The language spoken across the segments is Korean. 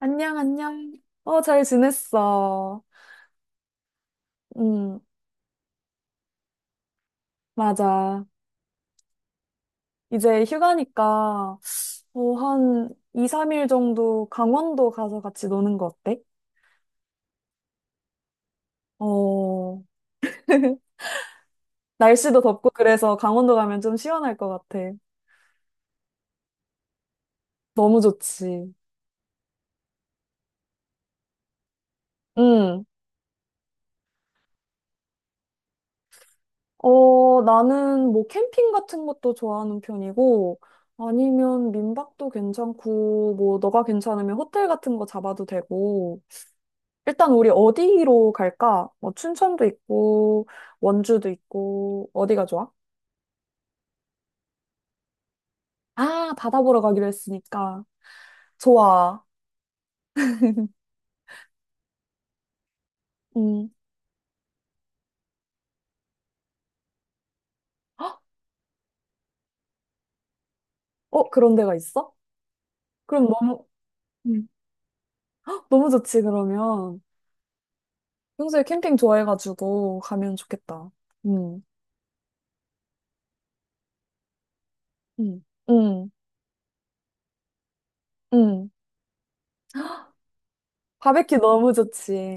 안녕, 안녕. 잘 지냈어. 음, 맞아. 이제 휴가니까, 한 2, 3일 정도 강원도 가서 같이 노는 거 어때? 어. 날씨도 덥고 그래서 강원도 가면 좀 시원할 것 같아. 너무 좋지. 음, 나는 뭐 캠핑 같은 것도 좋아하는 편이고, 아니면 민박도 괜찮고, 뭐 너가 괜찮으면 호텔 같은 거 잡아도 되고, 일단 우리 어디로 갈까? 뭐 춘천도 있고 원주도 있고 어디가 좋아? 아, 바다 보러 가기로 했으니까. 좋아. 음. 헉, 그런 데가 있어? 그럼 너무 음. 헉, 너무 좋지 그러면. 평소에 캠핑 좋아해가지고 가면 좋겠다. 음. 음. 음. 음. 바베큐 너무 좋지.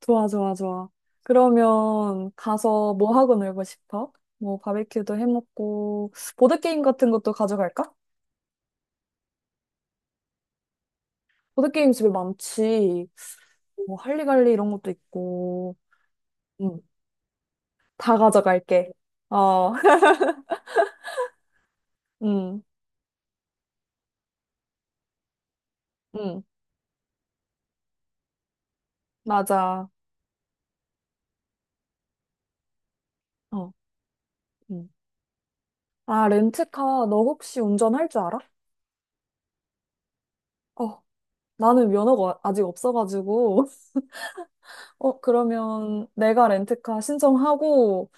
좋아, 좋아, 좋아. 그러면 가서 뭐 하고 놀고 싶어? 뭐 바베큐도 해 먹고 보드게임 같은 것도 가져갈까? 보드게임 집에 많지. 뭐, 할리갈리 이런 것도 있고. 응, 다 가져갈게. 어. 응, 응, 맞아. 어, 응. 아, 렌트카, 너 혹시 운전할 줄 알아? 어, 나는 면허가 아직 없어가지고. 그러면 내가 렌트카 신청하고,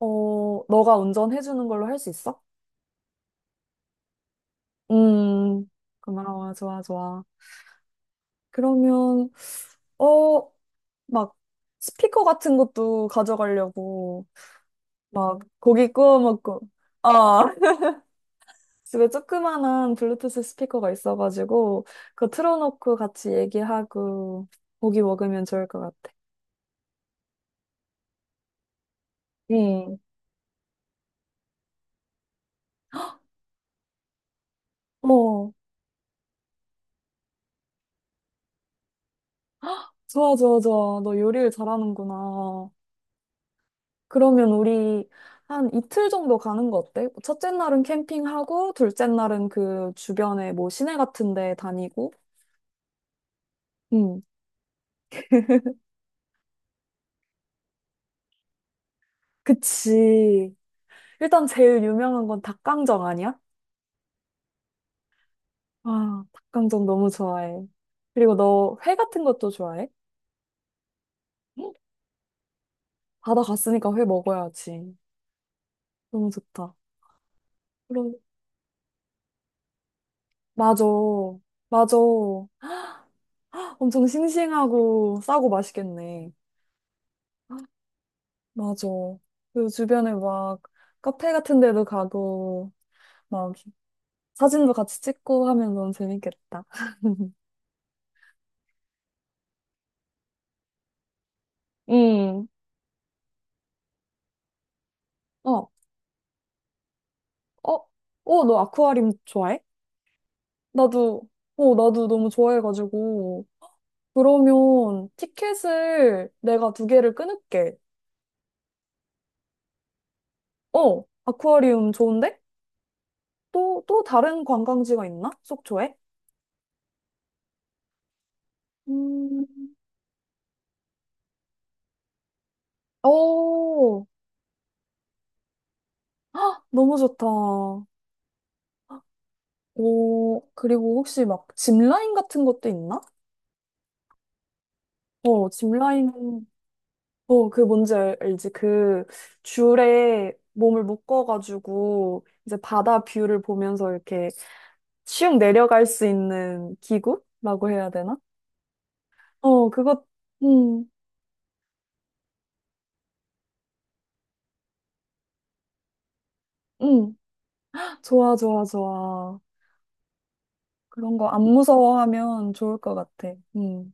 너가 운전해주는 걸로 할 수 있어? 음, 고마워. 좋아, 좋아. 그러면, 어, 막, 스피커 같은 것도 가져가려고. 막 고기 구워 먹고 어. 집에 조그만한 블루투스 스피커가 있어가지고 그거 틀어놓고 같이 얘기하고 고기 먹으면 좋을 것 같아. 응. 어 좋아, 좋아, 좋아. 너 요리를 잘하는구나. 그러면 우리 한 이틀 정도 가는 거 어때? 첫째 날은 캠핑하고 둘째 날은 그 주변에 뭐 시내 같은 데 다니고. 응. 그치. 일단 제일 유명한 건 닭강정 아니야? 아, 닭강정 너무 좋아해. 그리고 너 회 같은 것도 좋아해? 응? 바다 갔으니까 회 먹어야지. 너무 좋다. 그럼, 맞아. 맞아. 엄청 싱싱하고 싸고 맛있겠네. 맞아. 그 주변에 막 카페 같은 데도 가고, 막 사진도 같이 찍고 하면 너무 재밌겠다. 음, 어, 어, 너 아쿠아리움 좋아해? 나도, 나도 너무 좋아해가지고. 그러면 티켓을 내가 두 개를 끊을게. 아쿠아리움 좋은데? 또, 또 다른 관광지가 있나? 속초에? 음, 오, 헉, 너무 좋다. 오, 그리고 혹시 막 짚라인 같은 것도 있나? 짚라인, 그 뭔지 알지? 그 줄에 몸을 묶어가지고 이제 바다 뷰를 보면서 이렇게 슉 내려갈 수 있는 기구라고 해야 되나? 그거 음. 응, 좋아, 좋아, 좋아. 그런 거 안 무서워하면 좋을 것 같아. 응.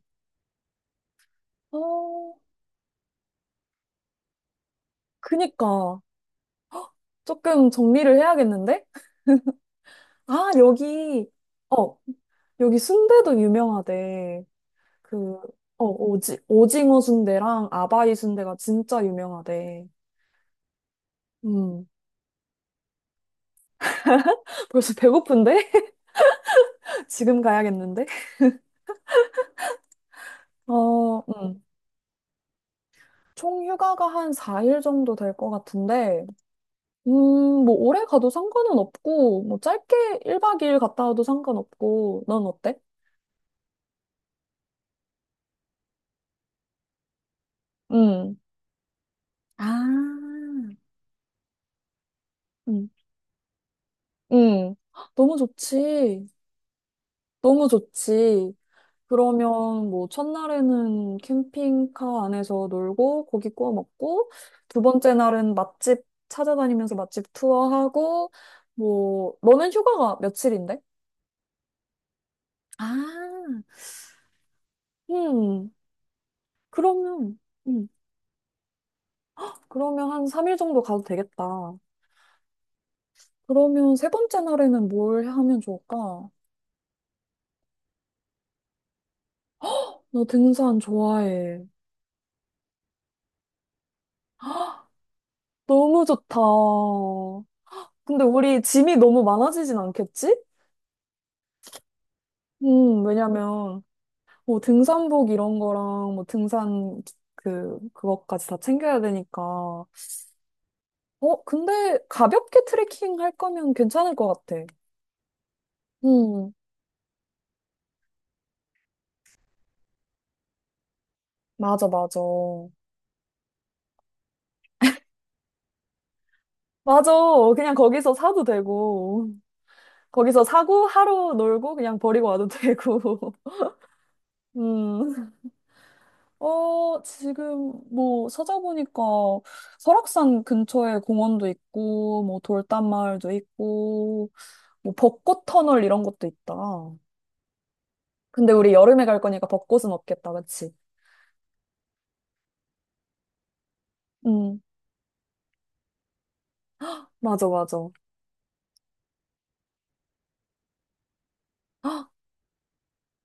어, 그니까. 조금 정리를 해야겠는데? 아, 어, 여기 순대도 유명하대. 그, 오징어 순대랑 아바이 순대가 진짜 유명하대. 음, 벌써 배고픈데? 지금 가야겠는데? 어, 음. 총 휴가가 한 4일 정도 될 것 같은데, 음, 뭐, 오래 가도 상관은 없고, 뭐, 짧게 1박 2일 갔다 와도 상관없고, 넌 어때? 음, 아, 음, 헉, 너무 좋지. 너무 좋지. 그러면 뭐, 첫날에는 캠핑카 안에서 놀고, 고기 구워 먹고, 두 번째 날은 맛집 찾아다니면서 맛집 투어하고, 뭐, 너는 휴가가 며칠인데? 아. 음, 그러면, 음, 그러면 한 3일 정도 가도 되겠다. 그러면 세 번째 날에는 뭘 하면 좋을까? 너 등산 좋아해. 너무 좋다. 근데 우리 짐이 너무 많아지진 않겠지? 왜냐면, 뭐 등산복 이런 거랑 뭐 등산 그것까지 다 챙겨야 되니까. 근데 가볍게 트레킹 할 거면 괜찮을 것 같아. 음, 맞아, 맞아. 맞아. 그냥 거기서 사도 되고, 거기서 사고 하루 놀고 그냥 버리고 와도 되고. 음. 지금 뭐 찾아보니까 설악산 근처에 공원도 있고, 뭐 돌담마을도 있고, 뭐 벚꽃 터널 이런 것도 있다. 근데 우리 여름에 갈 거니까 벚꽃은 없겠다, 그치? 응, 맞아, 맞아.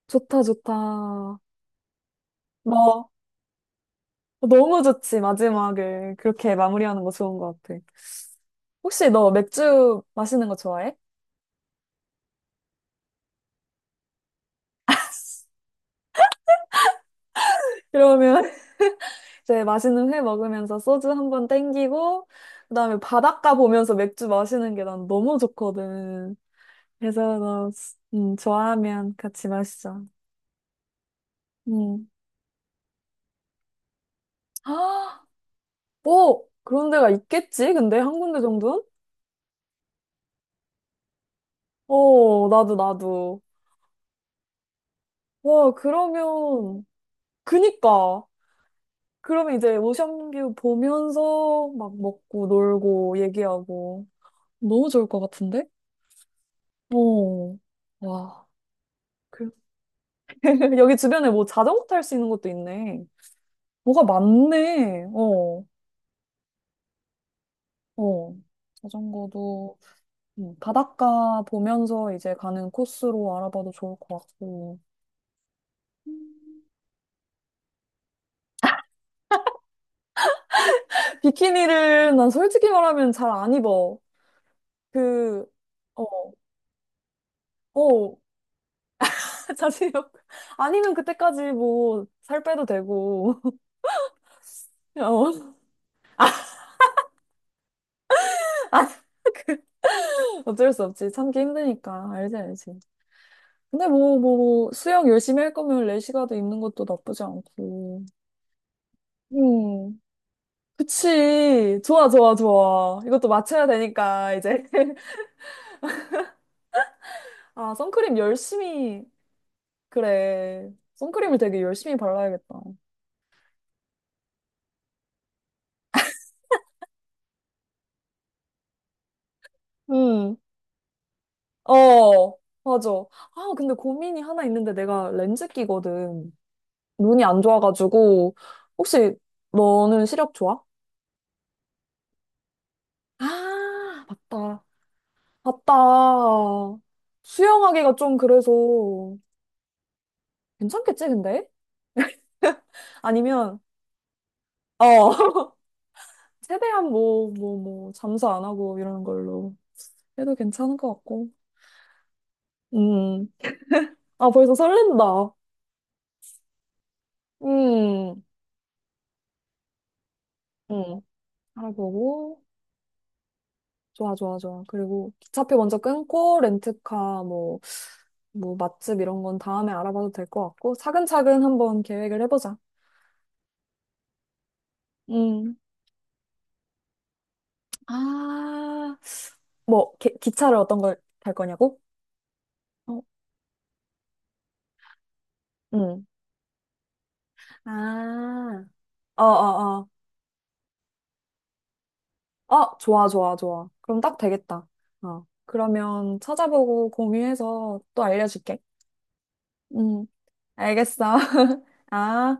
좋다, 좋다. 뭐, 너무 좋지, 마지막을. 그렇게 마무리하는 거 좋은 것 같아. 혹시 너 맥주 마시는 거 좋아해? 그러면 이제 맛있는 회 먹으면서 소주 한 번 땡기고, 그다음에 바닷가 보면서 맥주 마시는 게 난 너무 좋거든. 그래서 나, 좋아하면 같이 마시자. 음. 아, 뭐, 그런 데가 있겠지? 근데 한 군데 정도는? 어, 나도, 나도. 와, 그러면, 그니까. 그러면 이제 오션뷰 보면서 막 먹고 놀고 얘기하고. 너무 좋을 것 같은데? 어. 와. 여기 주변에 뭐 자전거 탈 수 있는 것도 있네. 뭐가 많네. 어, 어. 자전거도 바닷가 보면서 이제 가는 코스로 알아봐도 좋을 것 같고. 비키니를 난 솔직히 말하면 잘 안 입어. 그, 어, 어, 자신이 아니면 그때까지 뭐 살 빼도 되고. 어, 어쩔 수 없지. 참기 힘드니까. 알지, 알지. 근데 뭐 수영 열심히 할 거면 레시가드 입는 것도 나쁘지 않고. 음, 그치. 좋아, 좋아, 좋아. 이것도 맞춰야 되니까, 이제. 아, 선크림 열심히, 그래. 선크림을 되게 열심히 발라야겠다. 음, 어, 맞아. 아, 근데 고민이 하나 있는데 내가 렌즈 끼거든. 눈이 안 좋아가지고. 혹시 너는 시력 좋아? 아, 맞다. 맞다. 수영하기가 좀 그래서 괜찮겠지, 근데? 아니면, 어. 최대한 잠수 안 하고 이러는 걸로 해도 괜찮을 것 같고. 음. 아, 벌써 설렌다. 음. 음. 알아보고. 좋아, 좋아, 좋아. 그리고 기차표 먼저 끊고, 렌트카, 맛집 이런 건 다음에 알아봐도 될 것 같고, 차근차근 한번 계획을 해보자. 음. 아, 뭐, 기차를 어떤 걸 탈 거냐고? 어, 음. 아, 어어어. 아, 좋아, 좋아, 좋아. 그럼 딱 되겠다. 어. 그러면 찾아보고 공유해서 또 알려줄게. 음, 알겠어. 아.